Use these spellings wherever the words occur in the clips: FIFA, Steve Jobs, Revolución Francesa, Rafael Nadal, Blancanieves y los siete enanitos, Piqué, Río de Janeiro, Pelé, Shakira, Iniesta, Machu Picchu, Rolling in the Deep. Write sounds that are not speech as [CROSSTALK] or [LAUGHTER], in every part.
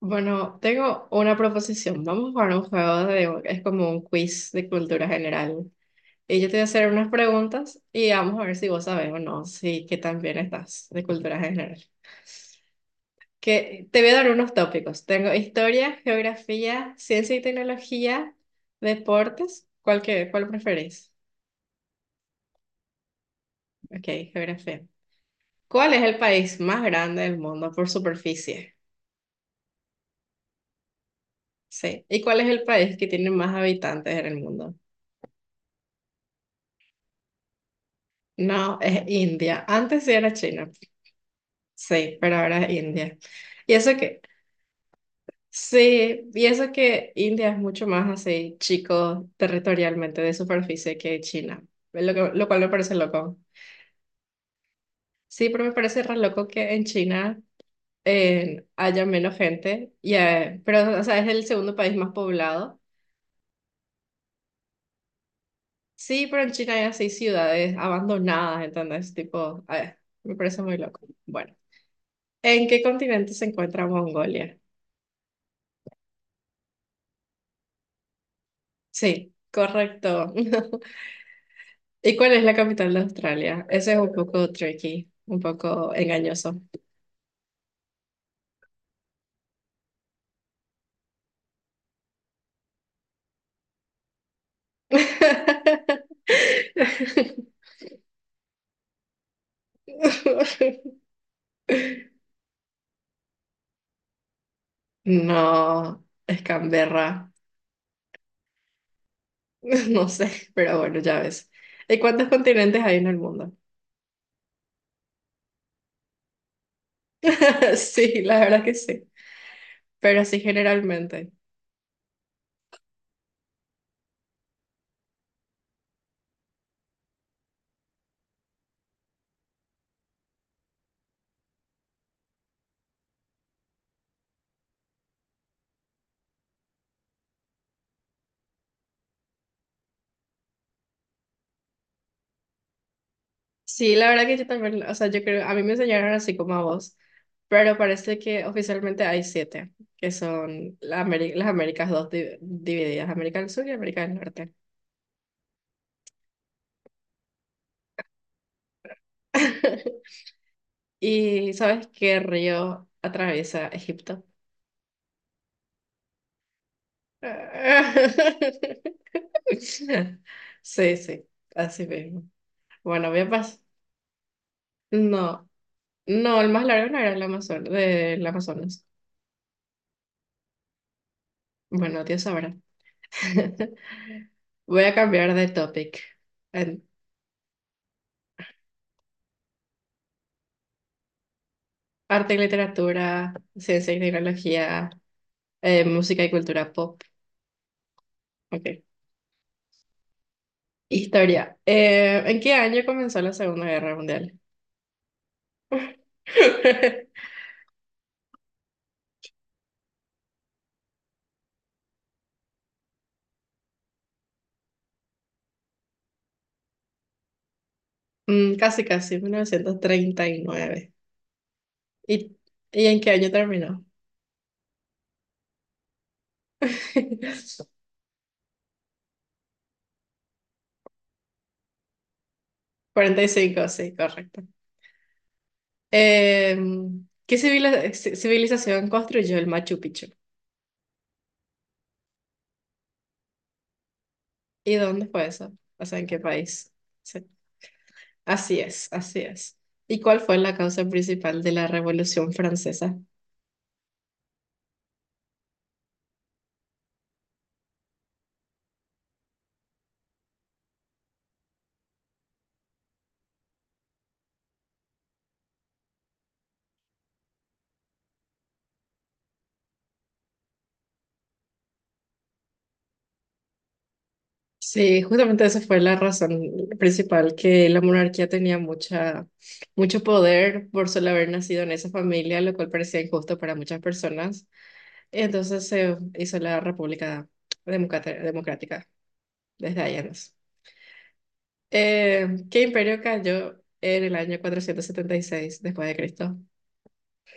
Bueno, tengo una proposición. Vamos a jugar un juego de, es como un quiz de cultura general. Y yo te voy a hacer unas preguntas y vamos a ver si vos sabes o no, si qué tan bien estás de cultura general. Que te voy a dar unos tópicos. Tengo historia, geografía, ciencia y tecnología, deportes. ¿Cuál preferís? Ok, geografía. ¿Cuál es el país más grande del mundo por superficie? Sí. ¿Y cuál es el país que tiene más habitantes en el mundo? No, es India. Antes sí era China, sí, pero ahora es India. Y eso que, sí, y eso que India es mucho más así, chico territorialmente de superficie que China, lo cual me parece loco. Sí, pero me parece re loco que en China haya menos gente, pero o sea, es el segundo país más poblado. Sí, pero en China hay así ciudades abandonadas, entonces, tipo, me parece muy loco. Bueno, ¿en qué continente se encuentra Mongolia? Sí, correcto. [LAUGHS] ¿Y cuál es la capital de Australia? Ese es un poco tricky, un poco engañoso. [LAUGHS] No, es Canberra. [LAUGHS] No sé, pero bueno, ya ves. ¿Y cuántos continentes hay en el mundo? [LAUGHS] Sí, la verdad que sí, pero sí generalmente. Sí, la verdad que yo también, o sea, yo creo, a mí me enseñaron así como a vos, pero parece que oficialmente hay siete, que son las Américas dos divididas, América del Sur y América del Norte. [LAUGHS] ¿Y sabes qué río atraviesa Egipto? [LAUGHS] Sí, sí, así mismo. Bueno, voy a pasar. No, no, el más largo no era el Amazonas, del Amazonas. Bueno, Dios sabrá. [LAUGHS] Voy a cambiar de topic. En arte y literatura, ciencia y tecnología, música y cultura pop. Ok. Historia. ¿En qué año comenzó la Segunda Guerra Mundial? [LAUGHS] Casi, casi, 1939. y y en qué año terminó? [LAUGHS] 45, sí, correcto. ¿Qué civilización construyó el Machu Picchu? ¿Y dónde fue eso? O sea, ¿en qué país? Así es, así es. ¿Y cuál fue la causa principal de la Revolución Francesa? Sí, justamente esa fue la razón principal, que la monarquía tenía mucho poder por solo haber nacido en esa familia, lo cual parecía injusto para muchas personas. Entonces se hizo la República Democrática desde ahí en más. ¿Qué imperio cayó en el año 476 después de Cristo?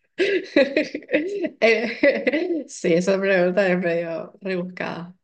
[LAUGHS] [LAUGHS] Sí, esa pregunta es medio rebuscada.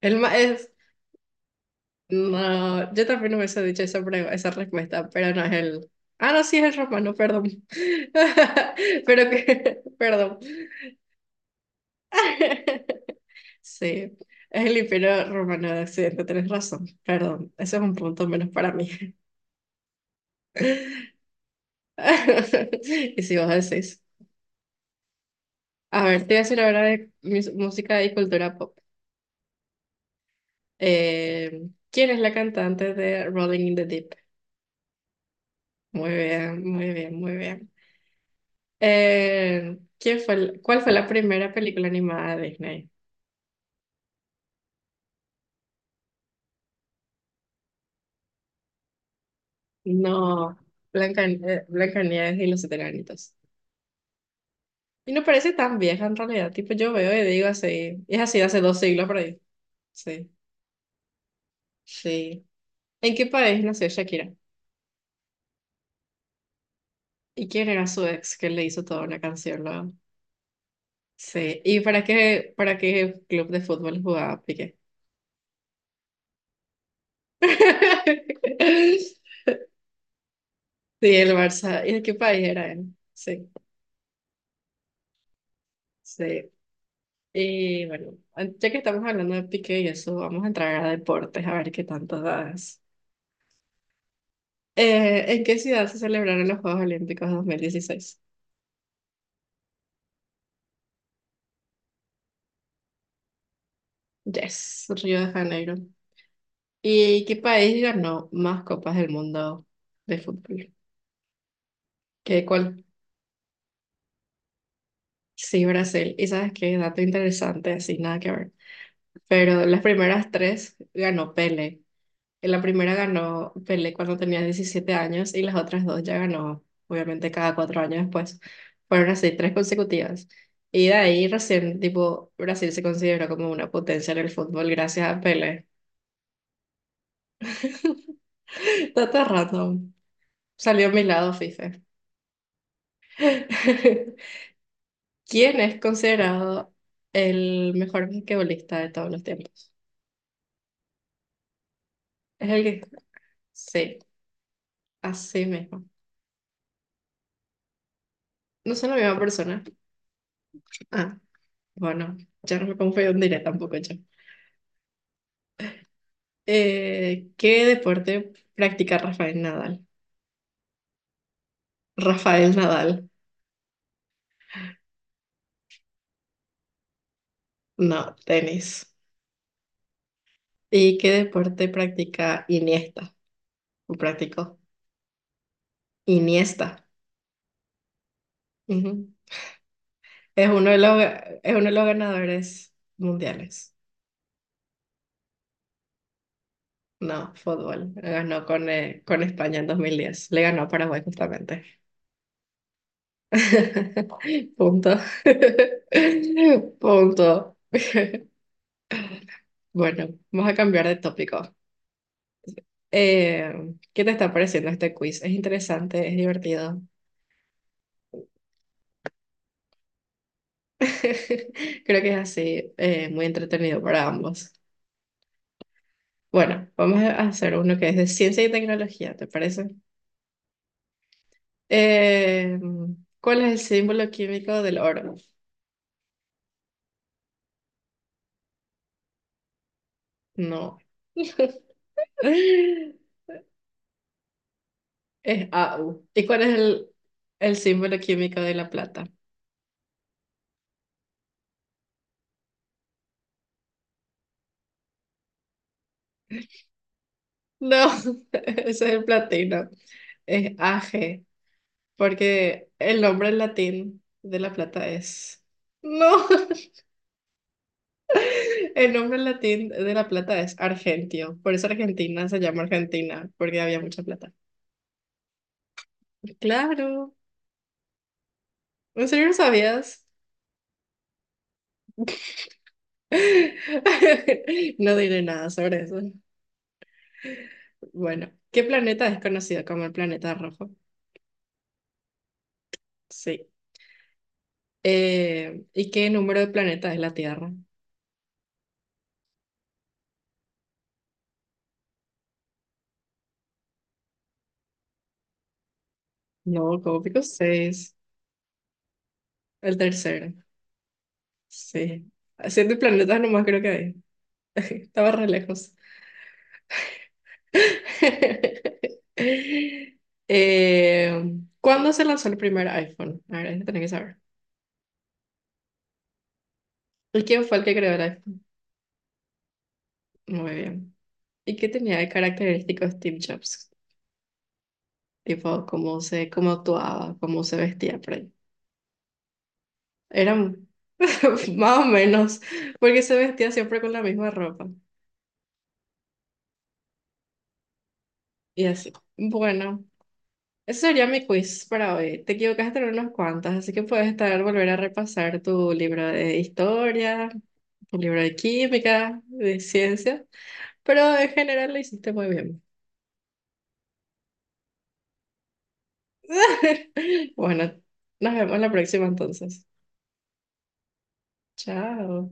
El ma- es, no, yo también hubiese dicho esa, esa respuesta, pero no es el... Ah, no, sí es el romano, perdón. [LAUGHS] Pero que, perdón. [LAUGHS] Sí, es el imperio romano de Occidente, tenés razón. Perdón, ese es un punto menos para mí. [LAUGHS] [LAUGHS] Y si vos decís... A ver, te voy a decir la ahora de música y cultura pop. ¿Quién es la cantante de Rolling in the Deep? Muy bien, muy bien, muy bien. ¿Quién fue, cuál fue la primera película animada de Disney? No, Blancanieves y los siete enanitos. Y no parece tan vieja en realidad, tipo yo veo y digo así, es así de hace 2 siglos por ahí. Sí, sí. ¿En qué país nació Shakira? ¿Y quién era su ex que le hizo toda una canción luego? Sí, ¿y para qué club de fútbol jugaba Piqué? [LAUGHS] Sí, el Barça. ¿Y de qué país era él? Sí, sí. Y bueno, ya que estamos hablando de Piqué y eso, vamos a entrar a deportes, a ver qué tanto das. ¿En qué ciudad se celebraron los Juegos Olímpicos 2016? Yes, Río de Janeiro. ¿Y qué país ganó más copas del mundo de fútbol? ¿Qué, cuál? Sí, Brasil. ¿Y sabes qué? Dato interesante, así, nada que ver, pero las primeras tres ganó Pele. En la primera ganó Pele cuando tenía 17 años y las otras dos ya ganó, obviamente, cada 4 años después. Fueron así, tres consecutivas. Y de ahí recién, tipo, Brasil se consideró como una potencia en el fútbol gracias a Pele. [LAUGHS] Dato random. Salió a mi lado, FIFA. [LAUGHS] ¿Quién es considerado el mejor basquetbolista de todos los tiempos? Es el que... Sí, así mismo. No son la misma persona. Ah. Bueno, ya no me confundiré tampoco yo. ¿Qué deporte practica Rafael Nadal? Rafael Nadal, no, tenis. ¿Y qué deporte practica Iniesta? ¿O practicó? Iniesta. Ujú. Es uno de los ganadores mundiales. No, fútbol. Ganó con España en 2010. Le ganó a Paraguay justamente. [LAUGHS] Punto. [LAUGHS] Punto. Bueno, vamos a cambiar de tópico. Eh, ¿Qué te está pareciendo este quiz? Es interesante, es divertido. [LAUGHS] Creo que es así, muy entretenido para ambos. Bueno, vamos a hacer uno que es de ciencia y tecnología, ¿te parece? Eh, ¿Cuál es el símbolo químico del oro? No, [LAUGHS] es AU. ¿Y cuál es el símbolo químico de la plata? No, [LAUGHS] ese es el platino, es AG, porque el nombre en latín de la plata es... No. [LAUGHS] El nombre latín de la plata es argentio, por eso Argentina se llama Argentina, porque había mucha plata. Claro, ¿en serio no sabías? [LAUGHS] No diré nada sobre eso. Bueno, ¿qué planeta es conocido como el planeta rojo? Sí. ¿Y qué número de planetas es la Tierra? No, como pico seis, el tercero. Sí. Siete planetas nomás creo que hay. [LAUGHS] Estaba re lejos. [LAUGHS] Eh, ¿Cuándo se lanzó el primer iPhone? A ver, eso tenés que saber. ¿Y quién fue el que creó el iPhone? Muy bien. ¿Y qué tenía de característicos Steve Jobs? Tipo, cómo actuaba, cómo se vestía por ahí. Eran [LAUGHS] más o menos, porque se vestía siempre con la misma ropa. Y así. Bueno. Ese sería mi quiz para hoy. Te equivocaste en unos cuantos, así que puedes volver a repasar tu libro de historia, tu libro de química, de ciencia, pero en general lo hiciste muy bien. [LAUGHS] Bueno, nos vemos la próxima entonces. Chao.